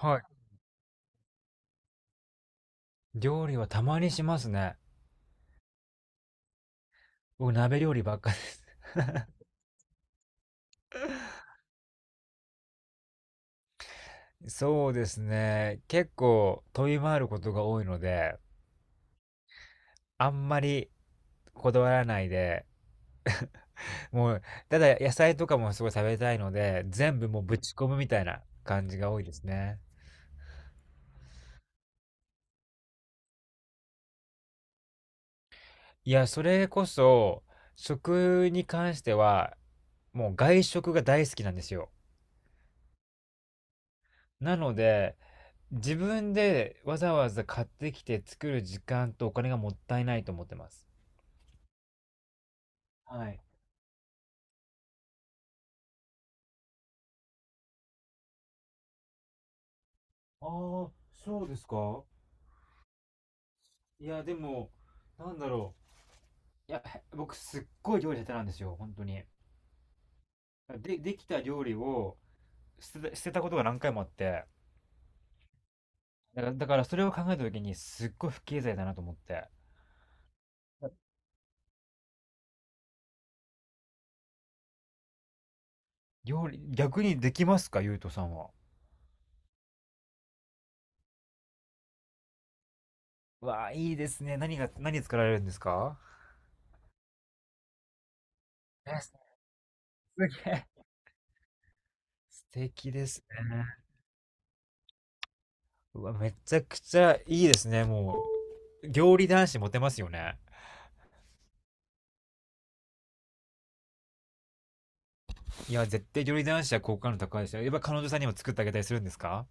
はい。料理はたまにしますね。僕、鍋料理ばっかです。そうですね。結構飛び回ることが多いので、あんまりこだわらないで、もう、ただ野菜とかもすごい食べたいので、全部もうぶち込むみたいな感じが多いですね。いや、それこそ、食に関しては、もう外食が大好きなんですよ。なので、自分でわざわざ買ってきて作る時間とお金がもったいないと思ってます。はい。ああ、そうですか？いや、でも、なんだろう。いや、僕すっごい料理下手なんですよ、本当に。で、できた料理を捨てたことが何回もあって、だからそれを考えた時にすっごい不経済だなと思って。料理、逆にできますか、ゆうとさんは。わあ、いいですね。何が、何作られるんですか？え、すげえ。素敵ですね。うわ、めちゃくちゃいいですね。もう、料理男子モテますよね。いや、絶対料理男子は好感度高いですよ。やっぱ彼女さんにも作ってあげたりするんですか？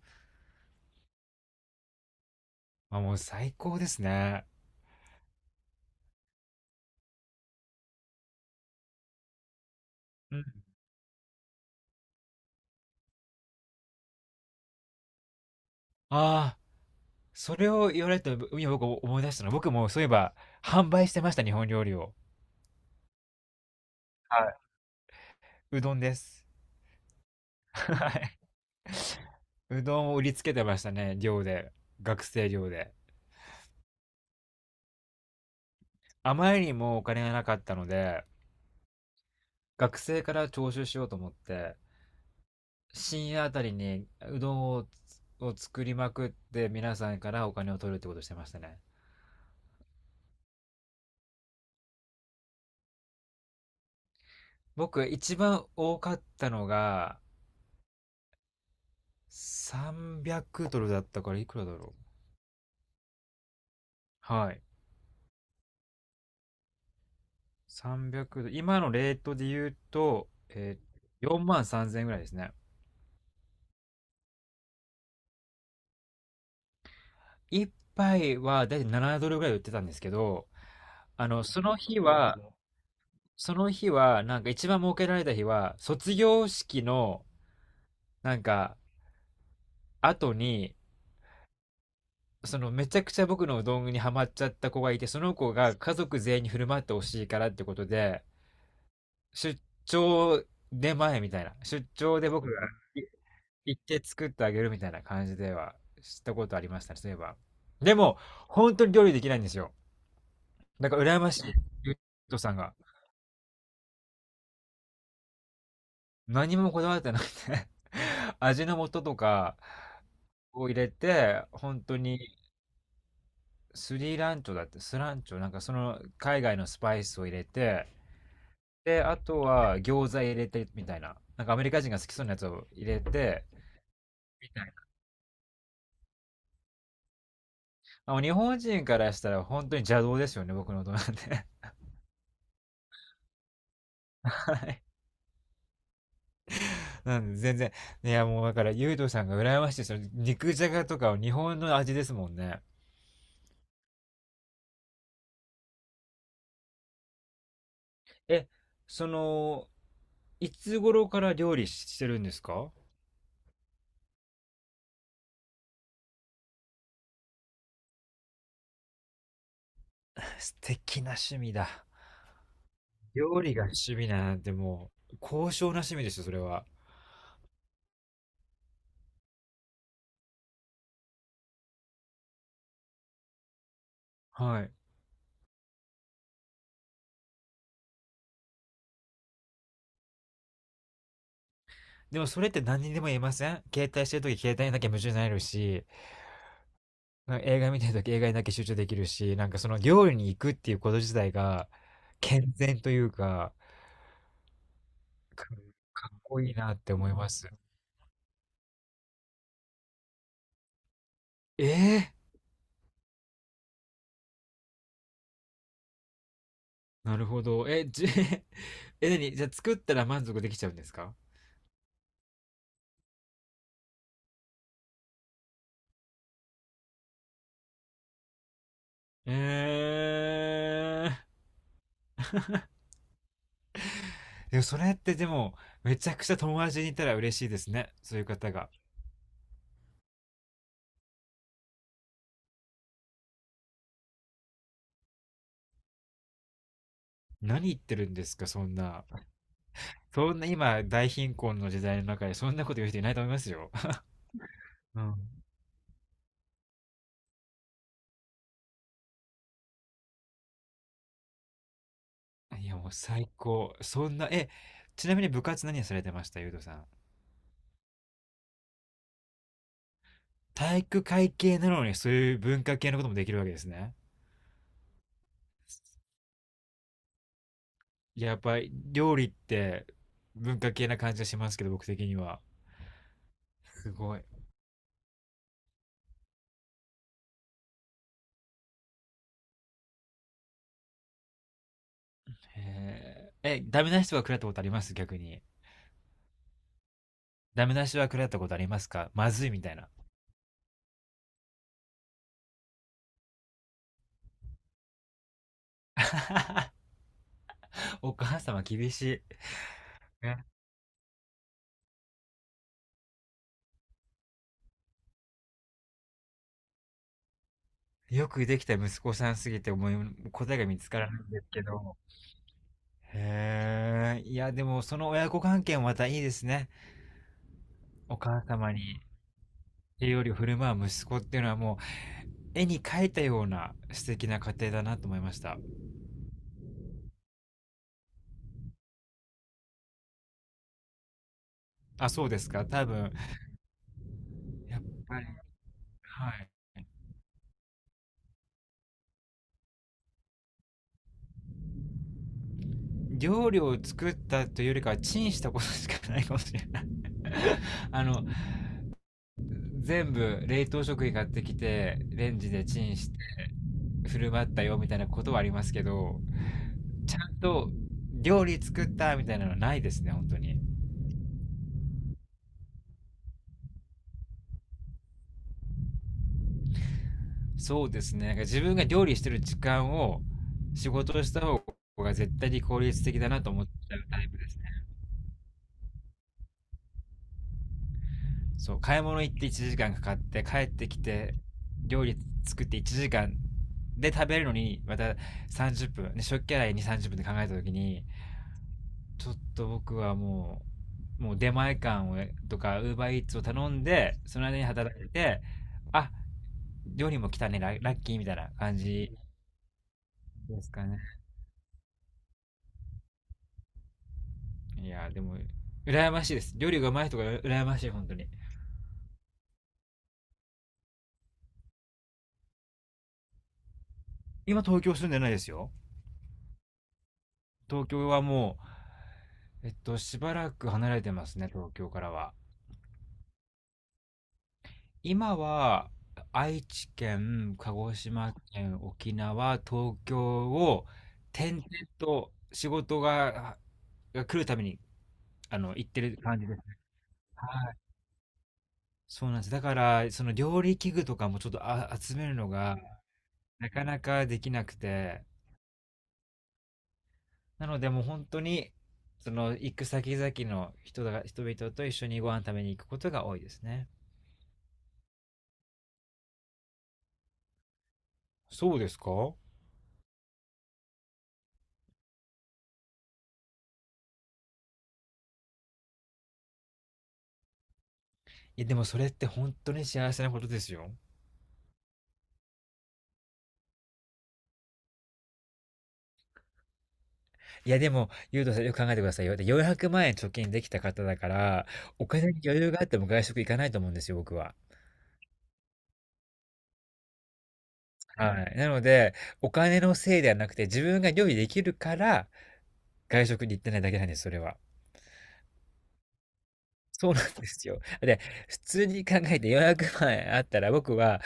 まあ、もう最高ですね。うん。ああ、それを言われたら、今僕思い出したのは、僕もそういえば、販売してました、日本料理を。はい。うどんです。はい。うどんを売りつけてましたね、寮で。学生寮で。あまりにもお金がなかったので、学生から徴収しようと思って、深夜あたりにうどんを作りまくって皆さんからお金を取るってことをしてましたね。僕一番多かったのが300ドルだったから、いくらだろう。はい。300ドル。今のレートで言うと、4万3000円ぐらいですね。一杯はだいたい7ドルぐらい売ってたんですけど、その日は、その日は、なんか一番儲けられた日は、卒業式の、なんか、後に、そのめちゃくちゃ僕のうどんにハマっちゃった子がいて、その子が家族全員に振る舞ってほしいからってことで、出張出前みたいな。出張で僕がい行って作ってあげるみたいな感じではしたことありましたね、そういえば。でも、本当に料理できないんですよ。だから羨ましい、ゆうとさんが。何もこだわってなくて 味の素とかを入れて、本当にスランチョ、なんかその海外のスパイスを入れて、で、あとは餃子入れてみたいな。なんかアメリカ人が好きそうなやつを入れて、まあもう日本人からしたら本当に邪道ですよね、僕の音なんで。なんで全然。いや、もうだから、ゆうとさんが羨ましいですよ。肉じゃがとかは日本の味ですもんね。え、その、いつ頃から料理してるんですか？ 素敵な趣味だ。料理が趣味なんてもう、高尚な趣味ですよ、それは。はい。でもそれって何にでも言えません？携帯してるとき携帯なきゃ夢中になれるし、なんか映画見てるとき映画にだけ集中できるし、なんかその料理に行くっていうこと自体が、健全というか、かかっこいいなって思います。ええ、なるほど。え、じ、え、何？じゃあ作ったら満足できちゃうんですか？えー、でもそれってでも、めちゃくちゃ友達にいたら嬉しいですね、そういう方が。何言ってるんですか、そんな。そんな今、大貧困の時代の中で、そんなこと言う人いないと思いますよ。うん。いや、もう最高。そんな、え、ちなみに部活何されてました、ゆうとさん。体育会系なのにそういう文化系のこともできるわけですね。いや、やっぱり料理って文化系な感じがしますけど、僕的には。すごい。へえ。え、ダメな人はか食らったことあります、逆に。ダメな人は食らったことありますか、まずいみたいな。お母様厳しい。ね。よくできた息子さんすぎてもう答えが見つからないんですけど。へえ。いや、でもその親子関係もまたいいですね。お母様に栄養料振る舞う息子っていうのは、もう絵に描いたような素敵な家庭だなと思いました。あ、そうですか。多分、やっぱり、はい。料理を作ったというよりかはチンしたことしかないかもしれない。 あの、全部冷凍食品買ってきて、レンジでチンして振る舞ったよみたいなことはありますけど、ちゃんと料理作ったみたいなのはないですね、本当に。そうですね。なんか自分が料理してる時間を仕事をした方が絶対に効率的だなと思っちゃうタイプですね。そう、買い物行って1時間かかって帰ってきて、料理作って1時間で食べるのにまた30分、ね、食器洗いに30分で考えた時に、ちょっと僕はもう、もう出前館とか Uber Eats を頼んでその間に働いて、あ、料理も来たね、ラッキーみたいな感じですかね？いやーでも羨ましいです。料理がうまい人が羨ましい、本当に。今東京住んでないですよ。東京はもうしばらく離れてますね、東京からは。今は愛知県、鹿児島県、沖縄、東京を転々と、仕事が来るために、あの、行ってる感じです。はい、そうなんです。だから、その料理器具とかもちょっと集めるのが、なかなかできなくて、なのでもう本当に、その行く先々の人々と一緒にご飯食べに行くことが多いですね。そうですか？いやでもそれって本当に幸せなことですよ。いやでも、ゆうとさんよく考えてくださいよ。で、400万円貯金できた方だから、お金に余裕があっても外食行かないと思うんですよ、僕は。はい。なので、お金のせいではなくて、自分が料理できるから、外食に行ってないだけなんです、それは。そうなんですよ。で、普通に考えて400万あったら僕は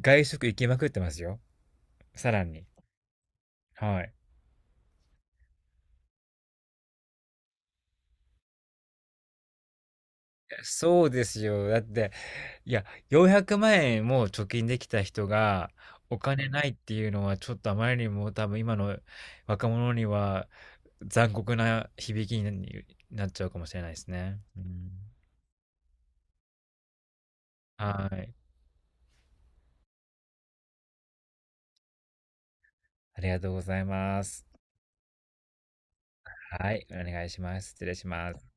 外食行きまくってますよ。さらに。はい。そうですよ。だって、いや、400万円も貯金できた人がお金ないっていうのは、ちょっとあまりにも多分今の若者には残酷な響きになっちゃうかもしれないですね。うん、はい。ありがとうございます。はい。お願いします。失礼します。